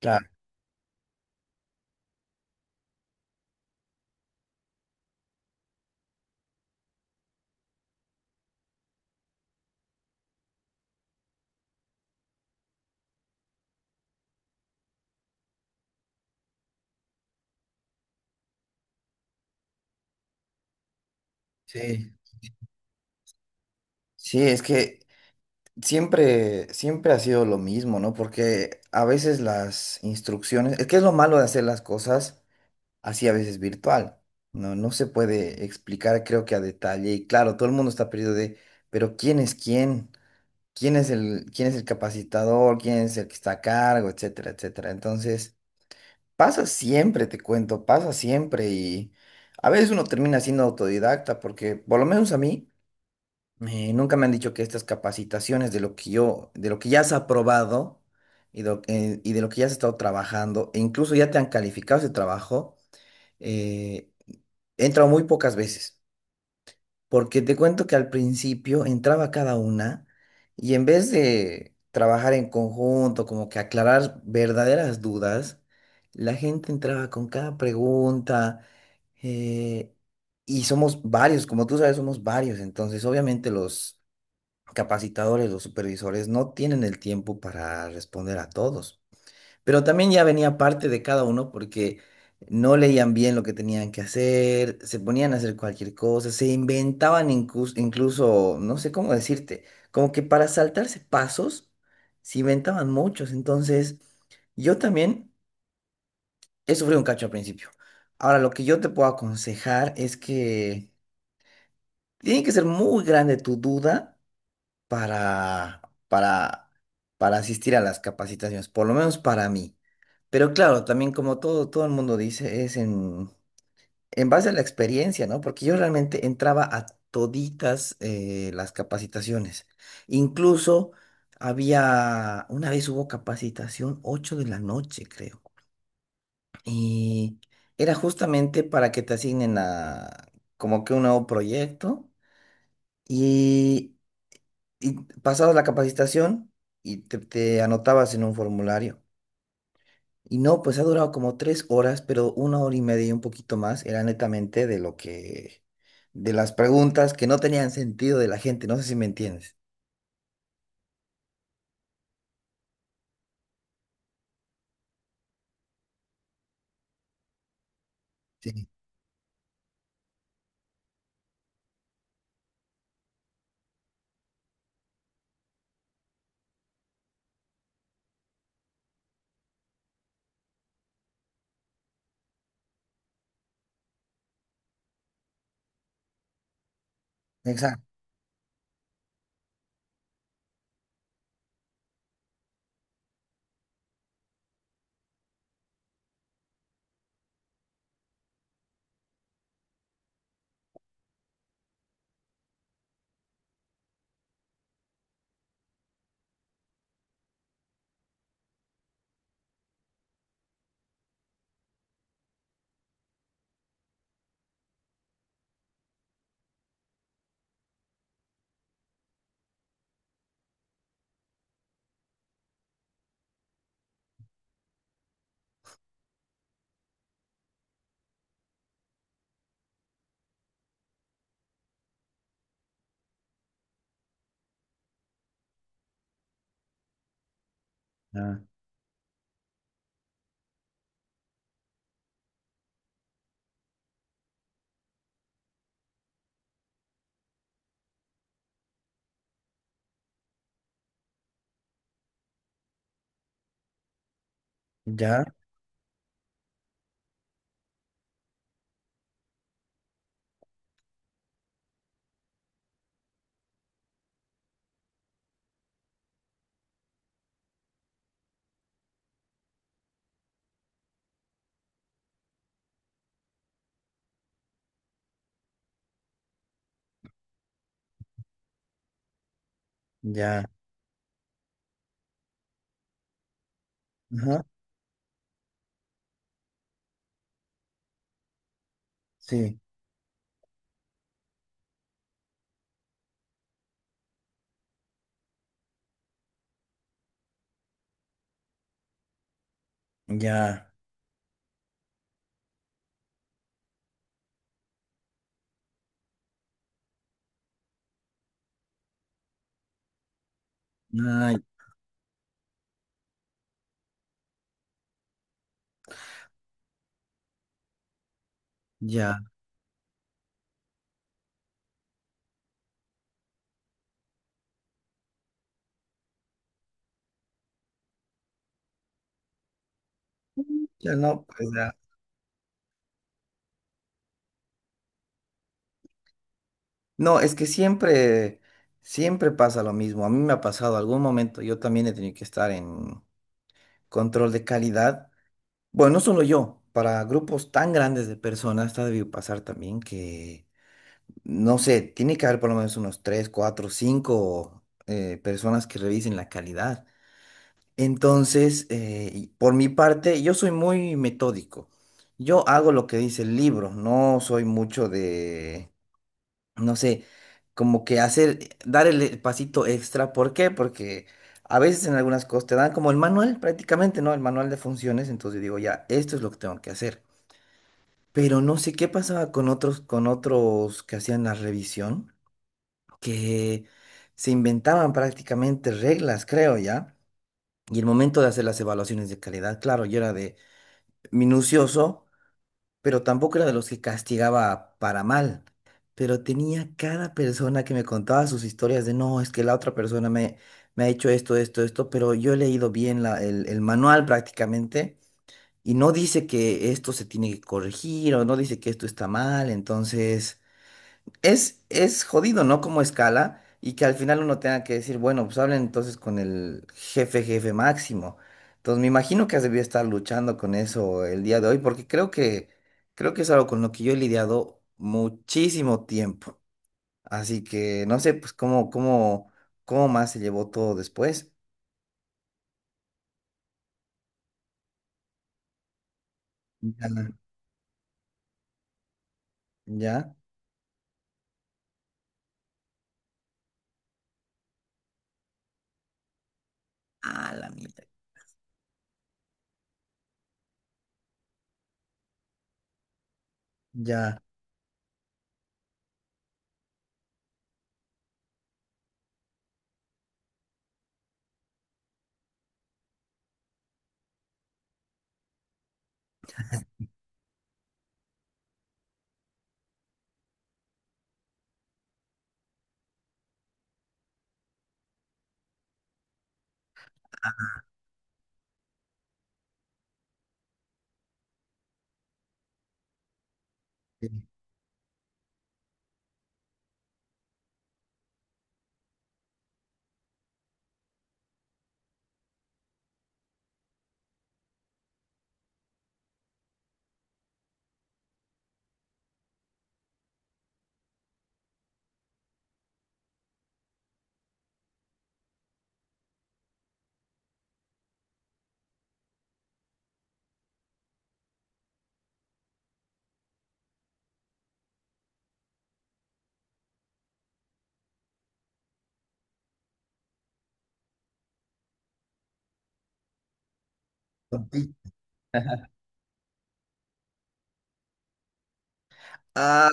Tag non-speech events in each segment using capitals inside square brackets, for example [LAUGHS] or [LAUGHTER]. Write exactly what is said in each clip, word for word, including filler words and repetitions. Claro, sí, sí, es que siempre, siempre ha sido lo mismo, ¿no? Porque a veces las instrucciones, es que es lo malo de hacer las cosas así a veces virtual, ¿no? No se puede explicar, creo que a detalle, y claro, todo el mundo está perdido de, pero ¿quién es quién? ¿Quién es el, quién es el capacitador? ¿Quién es el que está a cargo? Etcétera, etcétera. Entonces, pasa siempre, te cuento, pasa siempre, y a veces uno termina siendo autodidacta, porque por lo menos a mí. Eh, nunca me han dicho que estas capacitaciones de lo que yo, de lo que ya has aprobado y de, lo que- y de lo que ya has estado trabajando, e incluso ya te han calificado ese trabajo, eh, he entrado muy pocas veces. Porque te cuento que al principio entraba cada una y en vez de trabajar en conjunto, como que aclarar verdaderas dudas, la gente entraba con cada pregunta. eh, y somos varios, como tú sabes, somos varios. Entonces, obviamente los capacitadores o supervisores no tienen el tiempo para responder a todos. Pero también ya venía parte de cada uno porque no leían bien lo que tenían que hacer, se ponían a hacer cualquier cosa, se inventaban incluso, incluso, no sé cómo decirte, como que para saltarse pasos, se inventaban muchos. Entonces, yo también he sufrido un cacho al principio. Ahora, lo que yo te puedo aconsejar es que tiene que ser muy grande tu duda para, para, para asistir a las capacitaciones, por lo menos para mí. Pero claro, también como todo, todo el mundo dice, es en, en base a la experiencia, ¿no? Porque yo realmente entraba a toditas eh, las capacitaciones. Incluso había, una vez hubo capacitación ocho de la noche, creo. Y Era justamente para que te asignen a como que un nuevo proyecto. y Y Pasabas la capacitación y te, te anotabas en un formulario. Y no, pues ha durado como tres horas, pero una hora y media y un poquito más era netamente de lo que, de las preguntas que no tenían sentido de la gente. No sé si me entiendes. Sí, exacto. Ah, ya, ya, ajá, sí, ya, ay, ya, ya no, pues ya. No, es que siempre, siempre pasa lo mismo. A mí me ha pasado algún momento, yo también he tenido que estar en control de calidad. Bueno, no solo yo, para grupos tan grandes de personas está debido pasar también que, no sé, tiene que haber por lo menos unos tres, cuatro, cinco eh, personas que revisen la calidad. Entonces, eh, y por mi parte, yo soy muy metódico. Yo hago lo que dice el libro, no soy mucho de, no sé, como que hacer, dar el eh, pasito extra. ¿Por qué? Porque... A veces en algunas cosas te dan como el manual prácticamente, ¿no? El manual de funciones, entonces digo, ya, esto es lo que tengo que hacer. Pero no sé qué pasaba con otros, con otros que hacían la revisión, que se inventaban prácticamente reglas, creo ya. Y el momento de hacer las evaluaciones de calidad, claro, yo era de minucioso, pero tampoco era de los que castigaba para mal. Pero tenía cada persona que me contaba sus historias de, no, es que la otra persona me, me ha hecho esto, esto, esto, pero yo he leído bien la- el, el manual prácticamente y no dice que esto se tiene que corregir o no dice que esto está mal, entonces... Es, es jodido, ¿no? Como escala y que al final uno tenga que decir, bueno, pues hablen entonces con el jefe, jefe máximo. Entonces me imagino que has debido estar luchando con eso el día de hoy, porque creo que, creo que es algo con lo que yo he lidiado muchísimo tiempo. Así que no sé, pues cómo, cómo, cómo más se llevó todo después. Ya, ya. Ah, la mierda. Ya. Sí. [LAUGHS] Ah,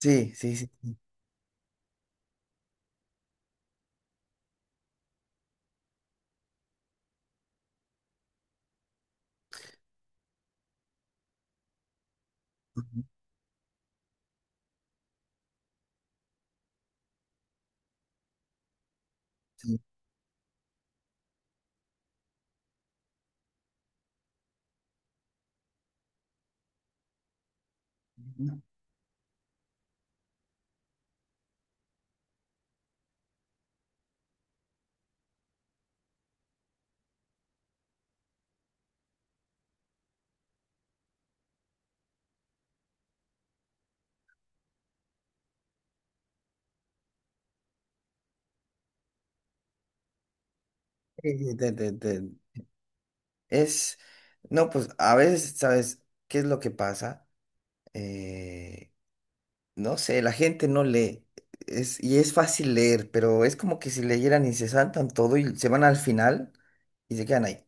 sí, sí, sí. Sí. Sí. Sí, [LAUGHS] te- te- te- Es, no, pues a veces, ¿sabes qué es lo que pasa? Eh, no sé, la gente no lee, es, y es fácil leer, pero es como que si leyeran y se saltan todo y se van al final y se quedan ahí.